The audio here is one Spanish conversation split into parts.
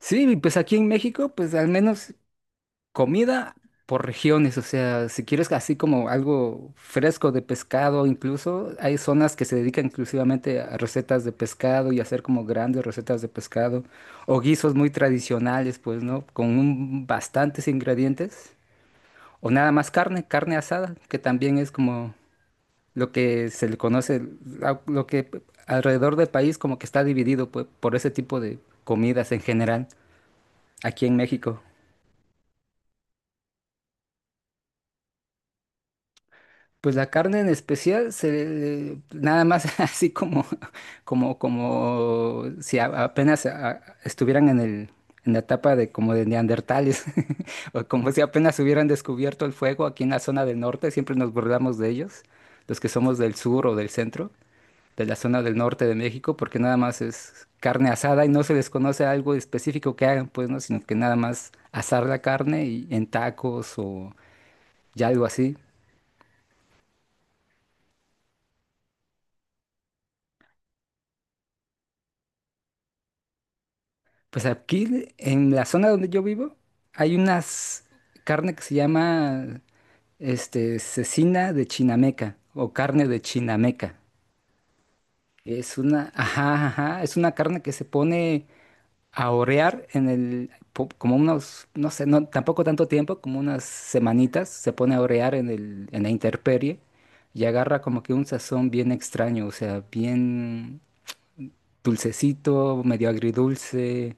Sí, y pues aquí en México, pues al menos comida por regiones, o sea, si quieres así como algo fresco de pescado, incluso hay zonas que se dedican exclusivamente a recetas de pescado y hacer como grandes recetas de pescado o guisos muy tradicionales, pues, ¿no? Bastantes ingredientes o nada más carne, carne asada, que también es como lo que se le conoce, la- lo que p- alrededor del país como que está dividido, pues, por ese tipo de comidas en general aquí en México. Pues la carne en especial, se, nada más así como, como si apenas estuvieran en la etapa de como de neandertales, o como si apenas hubieran descubierto el fuego aquí en la zona del norte, siempre nos burlamos de ellos, los que somos del sur o del centro, de la zona del norte de México, porque nada más es carne asada y no se les conoce algo específico que hagan, pues, ¿no? Sino que nada más asar la carne y en tacos o ya algo así. Pues aquí, en la zona donde yo vivo, hay unas carne que se llama cecina de Chinameca o carne de Chinameca. Es una, ajá, ajá, es una carne que se pone a orear como unos, no sé, no, tampoco tanto tiempo, como unas semanitas, se pone a orear en la intemperie y agarra como que un sazón bien extraño, o sea, bien dulcecito, medio agridulce.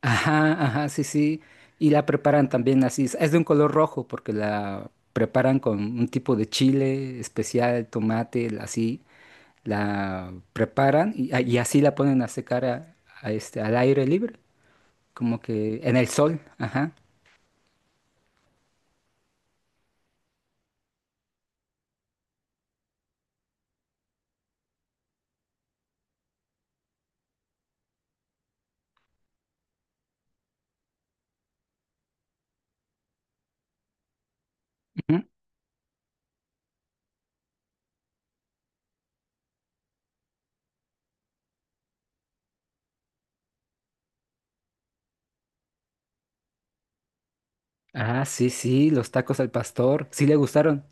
Ajá, ajá, sí, sí. Y la preparan también así. Es de un color rojo porque la preparan con un tipo de chile especial, tomate, así. La preparan y así la ponen a secar al aire libre, como que en el sol. Ajá. Ujú. Ah, sí, sí, los tacos al pastor. Sí le gustaron.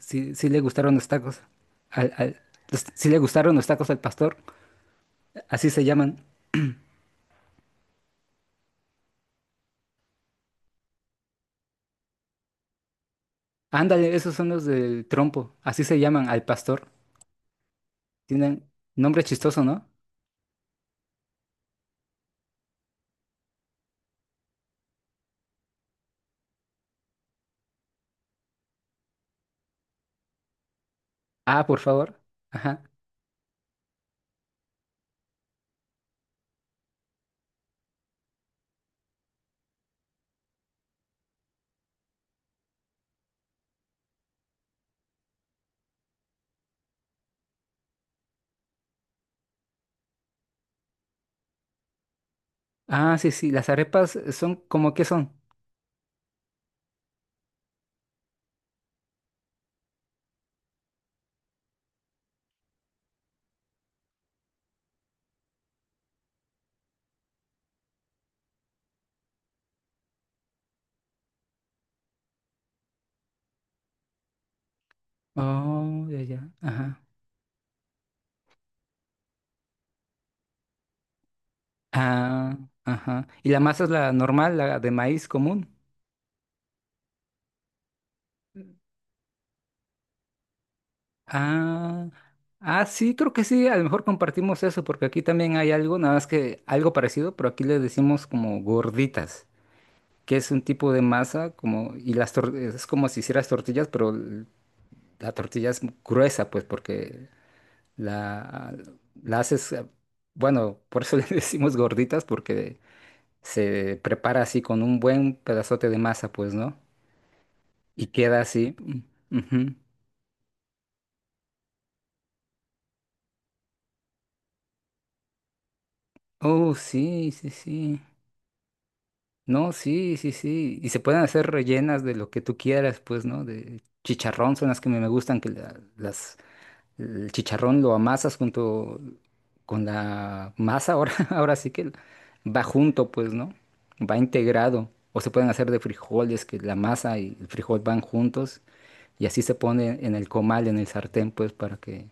Sí, sí le gustaron los tacos. Al, al- sí le gustaron los tacos al pastor. Así se llaman. Ándale, esos son los del trompo. Así se llaman al pastor. Tienen nombre chistoso, ¿no? Ah, por favor. Ajá. Ah, sí, sí. Las arepas son como que son. Oh, ya, ya. Ajá. Ah, ajá. ¿Y la masa es la normal, la de maíz común? Ah, ah, sí, creo que sí. A lo mejor compartimos eso, porque aquí también hay algo, nada más que algo parecido, pero aquí le decimos como gorditas, que es un tipo de masa como, y es como si hicieras tortillas, pero la tortilla es gruesa, pues, porque La, la haces, bueno, por eso le decimos gorditas, porque se prepara así con un buen pedazote de masa, pues, ¿no? Y queda así. Mm, ujú. Oh, sí, sí, sí. No, sí, sí, sí. Y se pueden hacer rellenas de lo que tú quieras, pues, ¿no? De chicharrón son las que me gustan, que las. El chicharrón lo amasas junto con la masa, ahora, ahora sí que va junto, pues, ¿no? Va integrado. O se pueden hacer de frijoles, que la masa y el frijol van juntos. Y así se pone en el comal, en el sartén, pues, para que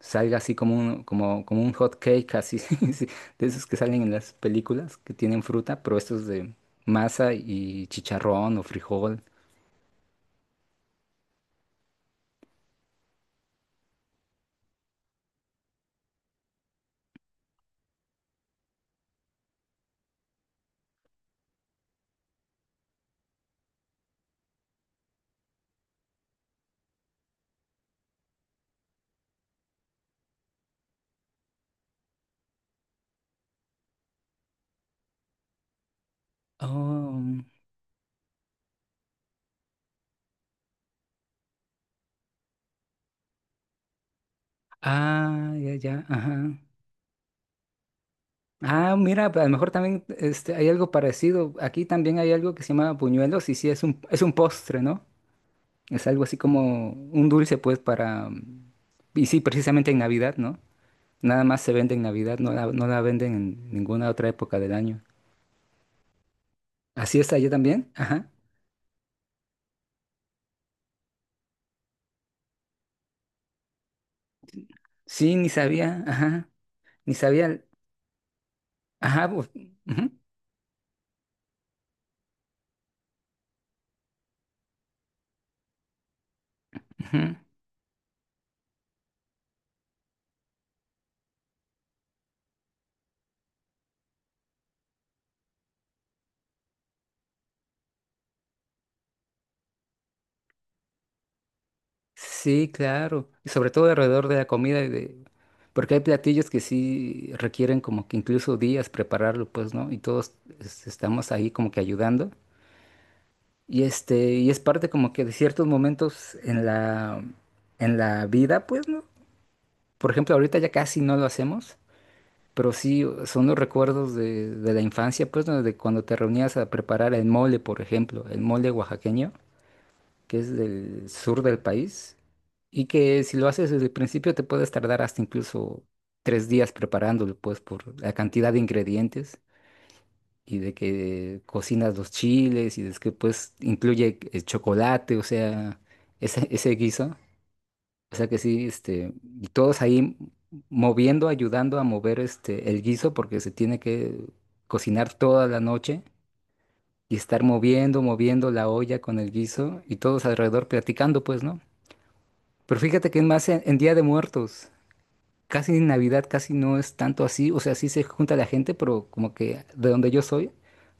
salga así como como un hot cake, así, sí, de esos que salen en las películas, que tienen fruta, pero estos de masa y chicharrón o frijol. Oh, ah, ya, ya, ajá. Ah, mira, pues, a lo mejor también hay algo parecido. Aquí también hay algo que se llama buñuelos y sí, es un postre, ¿no? Es algo así como un dulce, pues, para... y sí, precisamente en Navidad, ¿no? Nada más se vende en Navidad, no la venden en ninguna otra época del año. ¿Así es allá también? Ajá. Sí, ni sabía, ajá, ni sabía. Ajá, pues, ujú, ujú. Sí, claro. Y sobre todo alrededor de la comida y de... Porque hay platillos que sí requieren como que incluso días prepararlo, pues, ¿no? Y todos estamos ahí como que ayudando. Y este, y es parte como que de ciertos momentos en la vida, pues, ¿no? Por ejemplo, ahorita ya casi no lo hacemos, pero sí son los recuerdos de la infancia, pues, ¿no? De cuando te reunías a preparar el mole, por ejemplo, el mole oaxaqueño, que es del sur del país, y que si lo haces desde el principio te puedes tardar hasta incluso 3 días preparándolo, pues por la cantidad de ingredientes y de que cocinas los chiles y de que pues incluye chocolate, o sea, ese guiso. O sea que sí, este, y todos ahí moviendo, ayudando a mover este, el guiso porque se tiene que cocinar toda la noche y estar moviendo, moviendo la olla con el guiso y todos alrededor platicando, pues, ¿no? Pero fíjate que es más en Día de Muertos. Casi en Navidad casi no es tanto así. O sea, sí se junta la gente, pero como que de donde yo soy,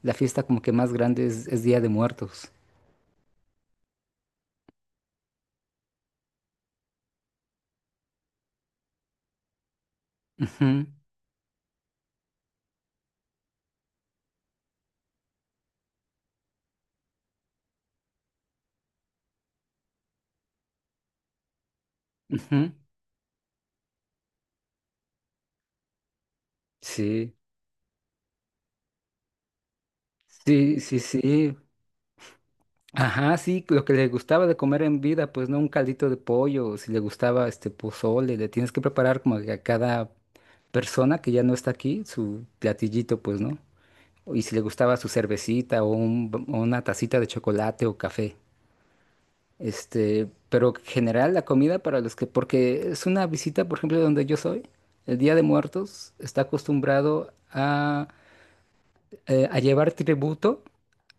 la fiesta como que más grande es Día de Muertos. Ujú, ujú. Sí, sí, sí, sí. Ajá, sí, lo que le gustaba de comer en vida, pues no, un caldito de pollo, si le gustaba este pozole, le tienes que preparar como que a cada persona que ya no está aquí su platillito, pues, ¿no? Y si le gustaba su cervecita o una tacita de chocolate o café. Este, pero en general la comida para los que, porque es una visita, por ejemplo, donde yo soy, el Día de Muertos está acostumbrado a llevar tributo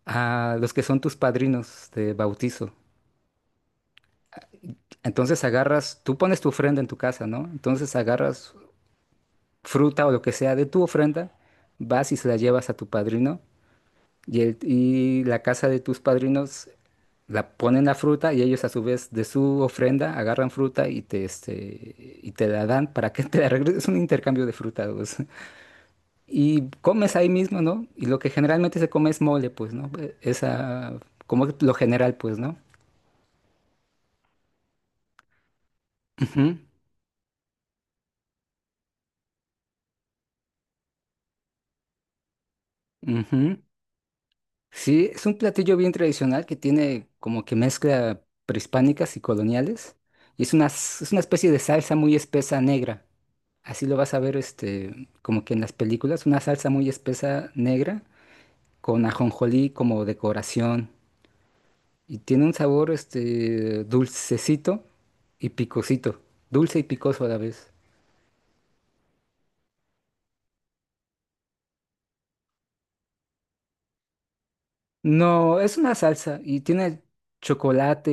a los que son tus padrinos de bautizo. Entonces agarras, tú pones tu ofrenda en tu casa, ¿no? Entonces agarras fruta o lo que sea de tu ofrenda, vas y se la llevas a tu padrino. Y la casa de tus padrinos la ponen la fruta y ellos a su vez de su ofrenda agarran fruta y te, este, y te la dan para que te la regreses. Es un intercambio de fruta, pues. Y comes ahí mismo, ¿no? Y lo que generalmente se come es mole, pues, ¿no? Esa, como lo general, pues, ¿no? Ujú, ujú. Sí, es un platillo bien tradicional que tiene como que mezcla prehispánicas y coloniales. Y es una, es una especie de salsa muy espesa negra. Así lo vas a ver, este, como que en las películas, una salsa muy espesa negra con ajonjolí como decoración y tiene un sabor, este, dulcecito y picosito, dulce y picoso a la vez. No, es una salsa y tiene chocolate,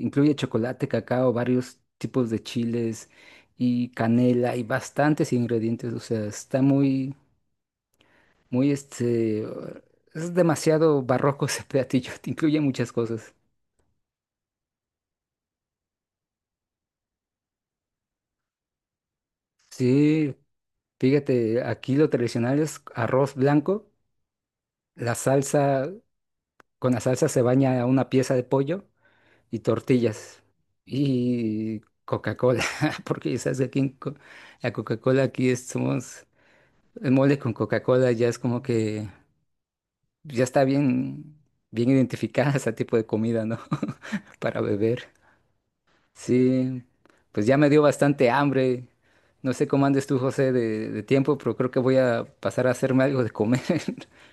incluye chocolate, cacao, varios tipos de chiles y canela y bastantes ingredientes, o sea, está muy, muy, este, es demasiado barroco ese platillo, te incluye muchas cosas. Sí, fíjate, aquí lo tradicional es arroz blanco, la salsa, con la salsa se baña una pieza de pollo y tortillas y Coca-Cola, porque ya sabes que aquí la Coca-Cola somos, el mole con Coca-Cola ya es como que ya está bien, bien identificada ese tipo de comida, ¿no? Para beber. Sí, pues ya me dio bastante hambre. No sé cómo andes tú, José, de tiempo, pero creo que voy a pasar a hacerme algo de comer.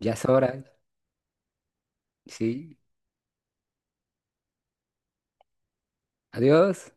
Ya es hora. Sí. Adiós.